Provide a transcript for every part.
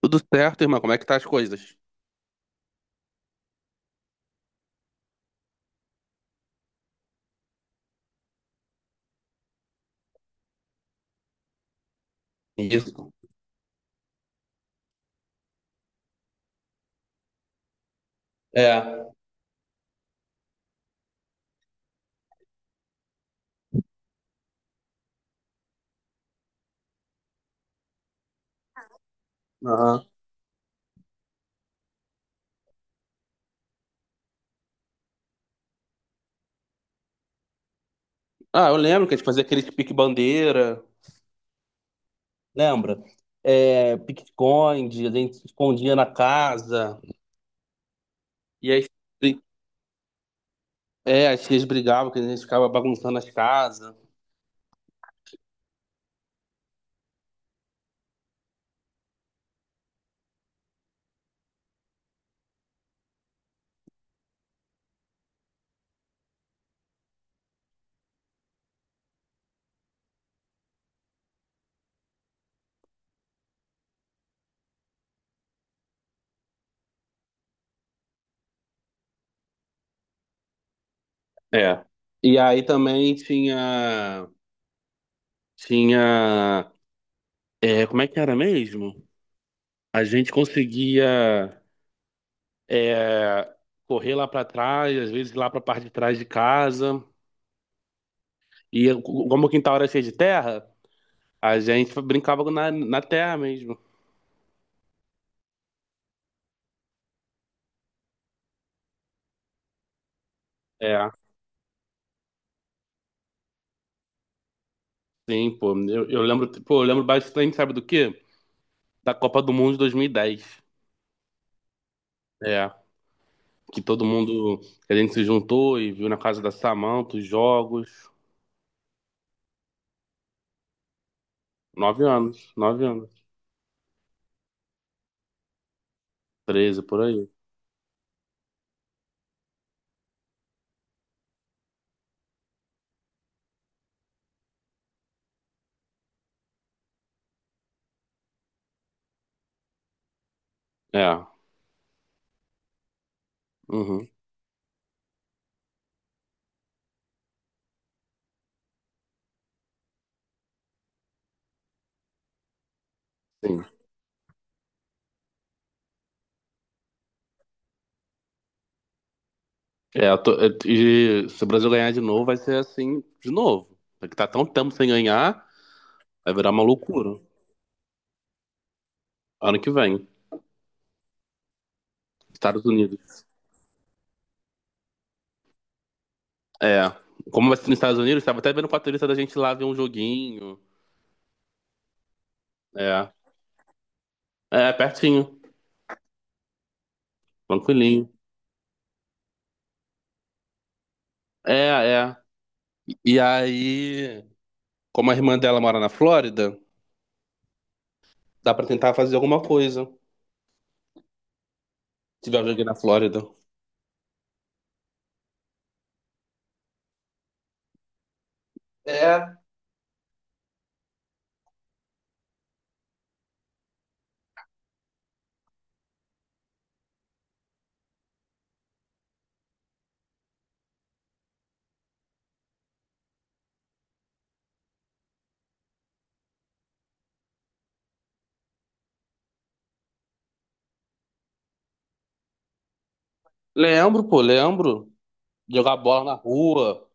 Tudo certo, irmão? Como é que tá as coisas? Isso. É, Aham. Ah, eu lembro que a gente fazia aquele pique-bandeira, lembra? É, pique-esconde, a gente se escondia na casa. E aí bri- é, as tias brigavam, que a gente ficava bagunçando as casas. É. E aí também tinha, é, como é que era mesmo? A gente conseguia, é, correr lá pra trás, às vezes lá pra parte de trás de casa. E como o quintal era cheio de terra, a gente brincava na terra mesmo. É, sim, pô. Eu lembro, pô, eu lembro bastante, sabe do quê? Da Copa do Mundo de 2010. É, que todo mundo, que a gente se juntou e viu na casa da Samantha os jogos. Nove anos, nove anos. Treze, por aí. É, uhum, sim. E se o Brasil ganhar de novo, vai ser assim de novo. Porque tá tão tempo sem ganhar, vai virar uma loucura. Ano que vem, Estados Unidos. É. Como vai ser nos Estados Unidos, tava até vendo o patrulhista da gente lá ver um joguinho. É. É, pertinho. Tranquilinho. É, é. E aí, como a irmã dela mora na Flórida, dá pra tentar fazer alguma coisa. Se tiver um joguinho na Flórida. É. Lembro, pô, lembro. Jogar bola na rua.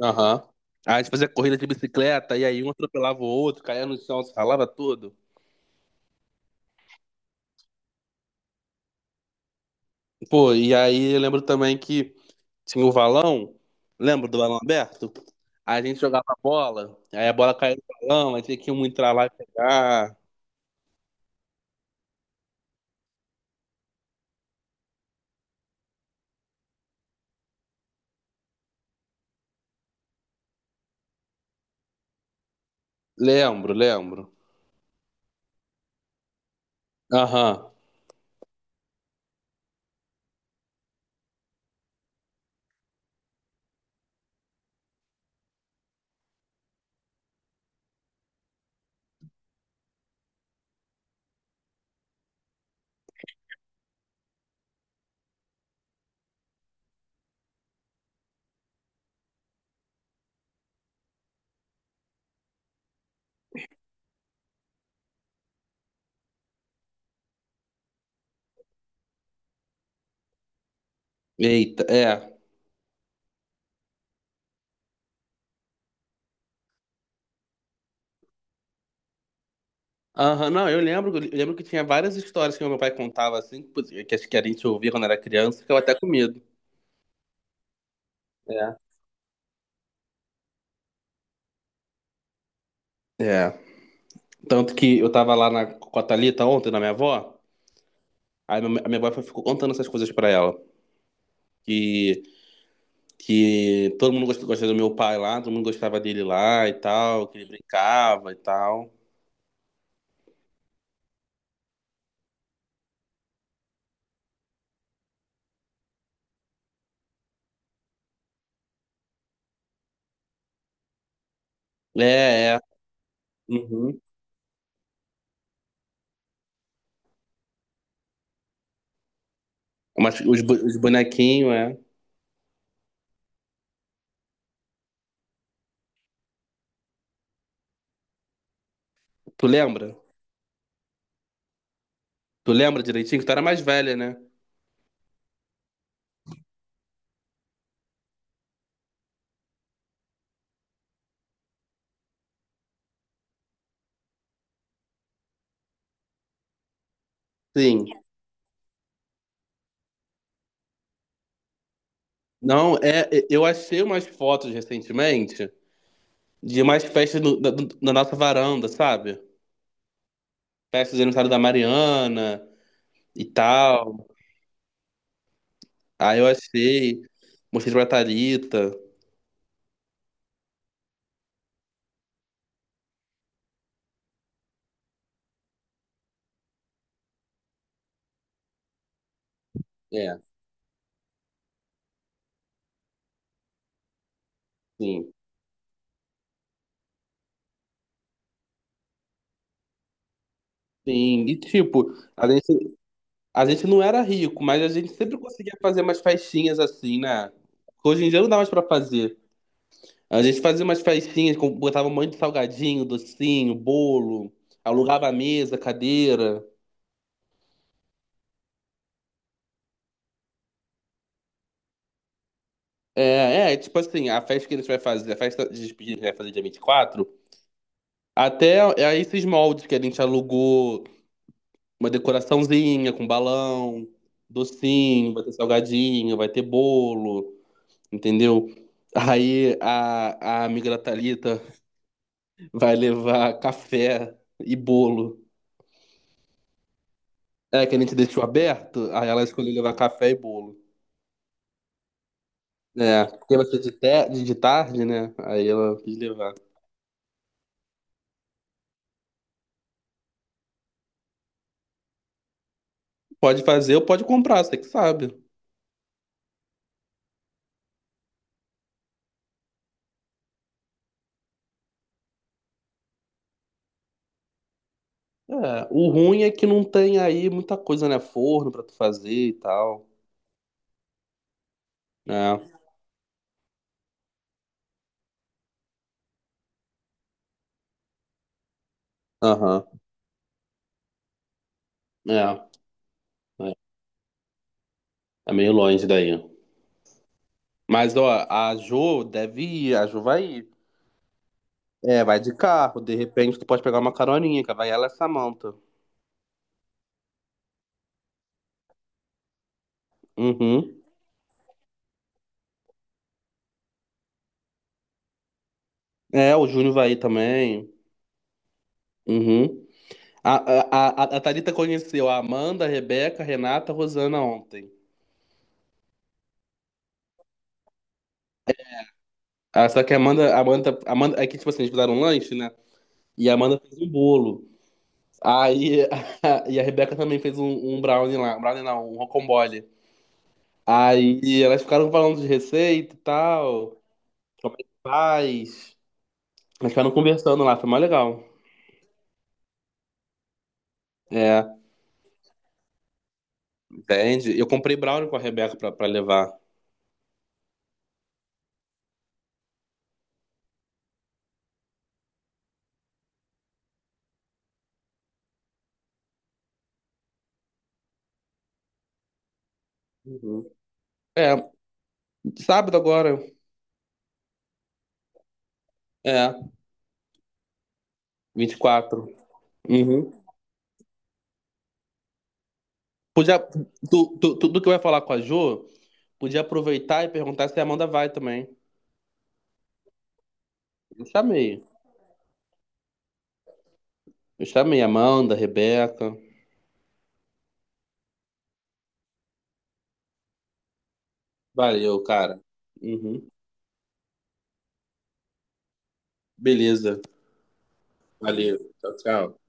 Aham. Aí a gente fazia corrida de bicicleta, e aí um atropelava o outro, caía no chão, se ralava todo. Pô, e aí eu lembro também que tinha um valão, lembra do valão aberto? A gente jogava a bola, aí a bola caía no valão, aí tinha que um entrar lá e pegar. Lembro, lembro. Aham. Eita, é. Aham, não, eu lembro que tinha várias histórias que meu pai contava assim, que acho que a gente ouvia quando era criança, ficava até com medo. É. É. Tanto que eu tava lá na, com a Thalita ontem, na minha avó, a minha avó ficou contando essas coisas pra ela. Que que todo mundo gosta do meu pai lá, todo mundo gostava dele lá e tal, que ele brincava e tal. É, é. Uhum. Mas os bonequinhos, é. Tu lembra? Tu lembra direitinho? Que tu era mais velha, né? Sim. Não, é, é, eu achei umas fotos recentemente de mais festas na nossa varanda, sabe? Festas de aniversário da Mariana e tal. Aí eu achei. Mostrei pra Thalita. É, sim. Sim. A gente não era rico, mas a gente sempre conseguia fazer umas festinhas assim, né? Hoje em dia não dá mais pra fazer. A gente fazia umas festinhas, botava um monte de salgadinho, docinho, bolo, alugava mesa, cadeira. É, é, tipo assim, a festa de despedida que a gente vai fazer dia 24. Até é esses moldes que a gente alugou, uma decoraçãozinha com balão, docinho, vai ter salgadinho, vai ter bolo, entendeu? Aí a amiga da Thalita vai levar café e bolo. É, que a gente deixou aberto, aí ela escolheu levar café e bolo. É, porque vai ser de tarde, né? Aí ela quis levar. Pode fazer ou pode comprar, você que sabe. É, o ruim é que não tem aí muita coisa, né? Forno pra tu fazer e tal. É, aham. É, é, é meio longe daí. Mas, ó, a Jo vai ir. É, vai de carro, de repente tu pode pegar uma caroninha, que vai ela e a Samantha. Uhum. É, o Júnior vai ir também. Uhum. A Thalita conheceu a Amanda, a Rebeca, a Renata, a Rosana ontem. Ah, só que a Amanda, é que tipo assim, eles fizeram um lanche, né? E a Amanda fez um bolo. Aí, e a Rebeca também fez um, um brownie não, um rocambole. Aí elas ficaram falando de receita e tal, como é que faz. Elas ficaram conversando lá, foi mais legal. É, entende? Eu comprei brownie com a Rebeca pra levar. Uhum. É, sábado agora. É. 24. Uhum. Podia, tudo que eu ia falar com a Jo, podia aproveitar e perguntar se a Amanda vai também. Eu chamei. Eu chamei a Amanda, a Rebeca. Valeu, cara. Uhum. Beleza. Valeu. Tchau, tchau.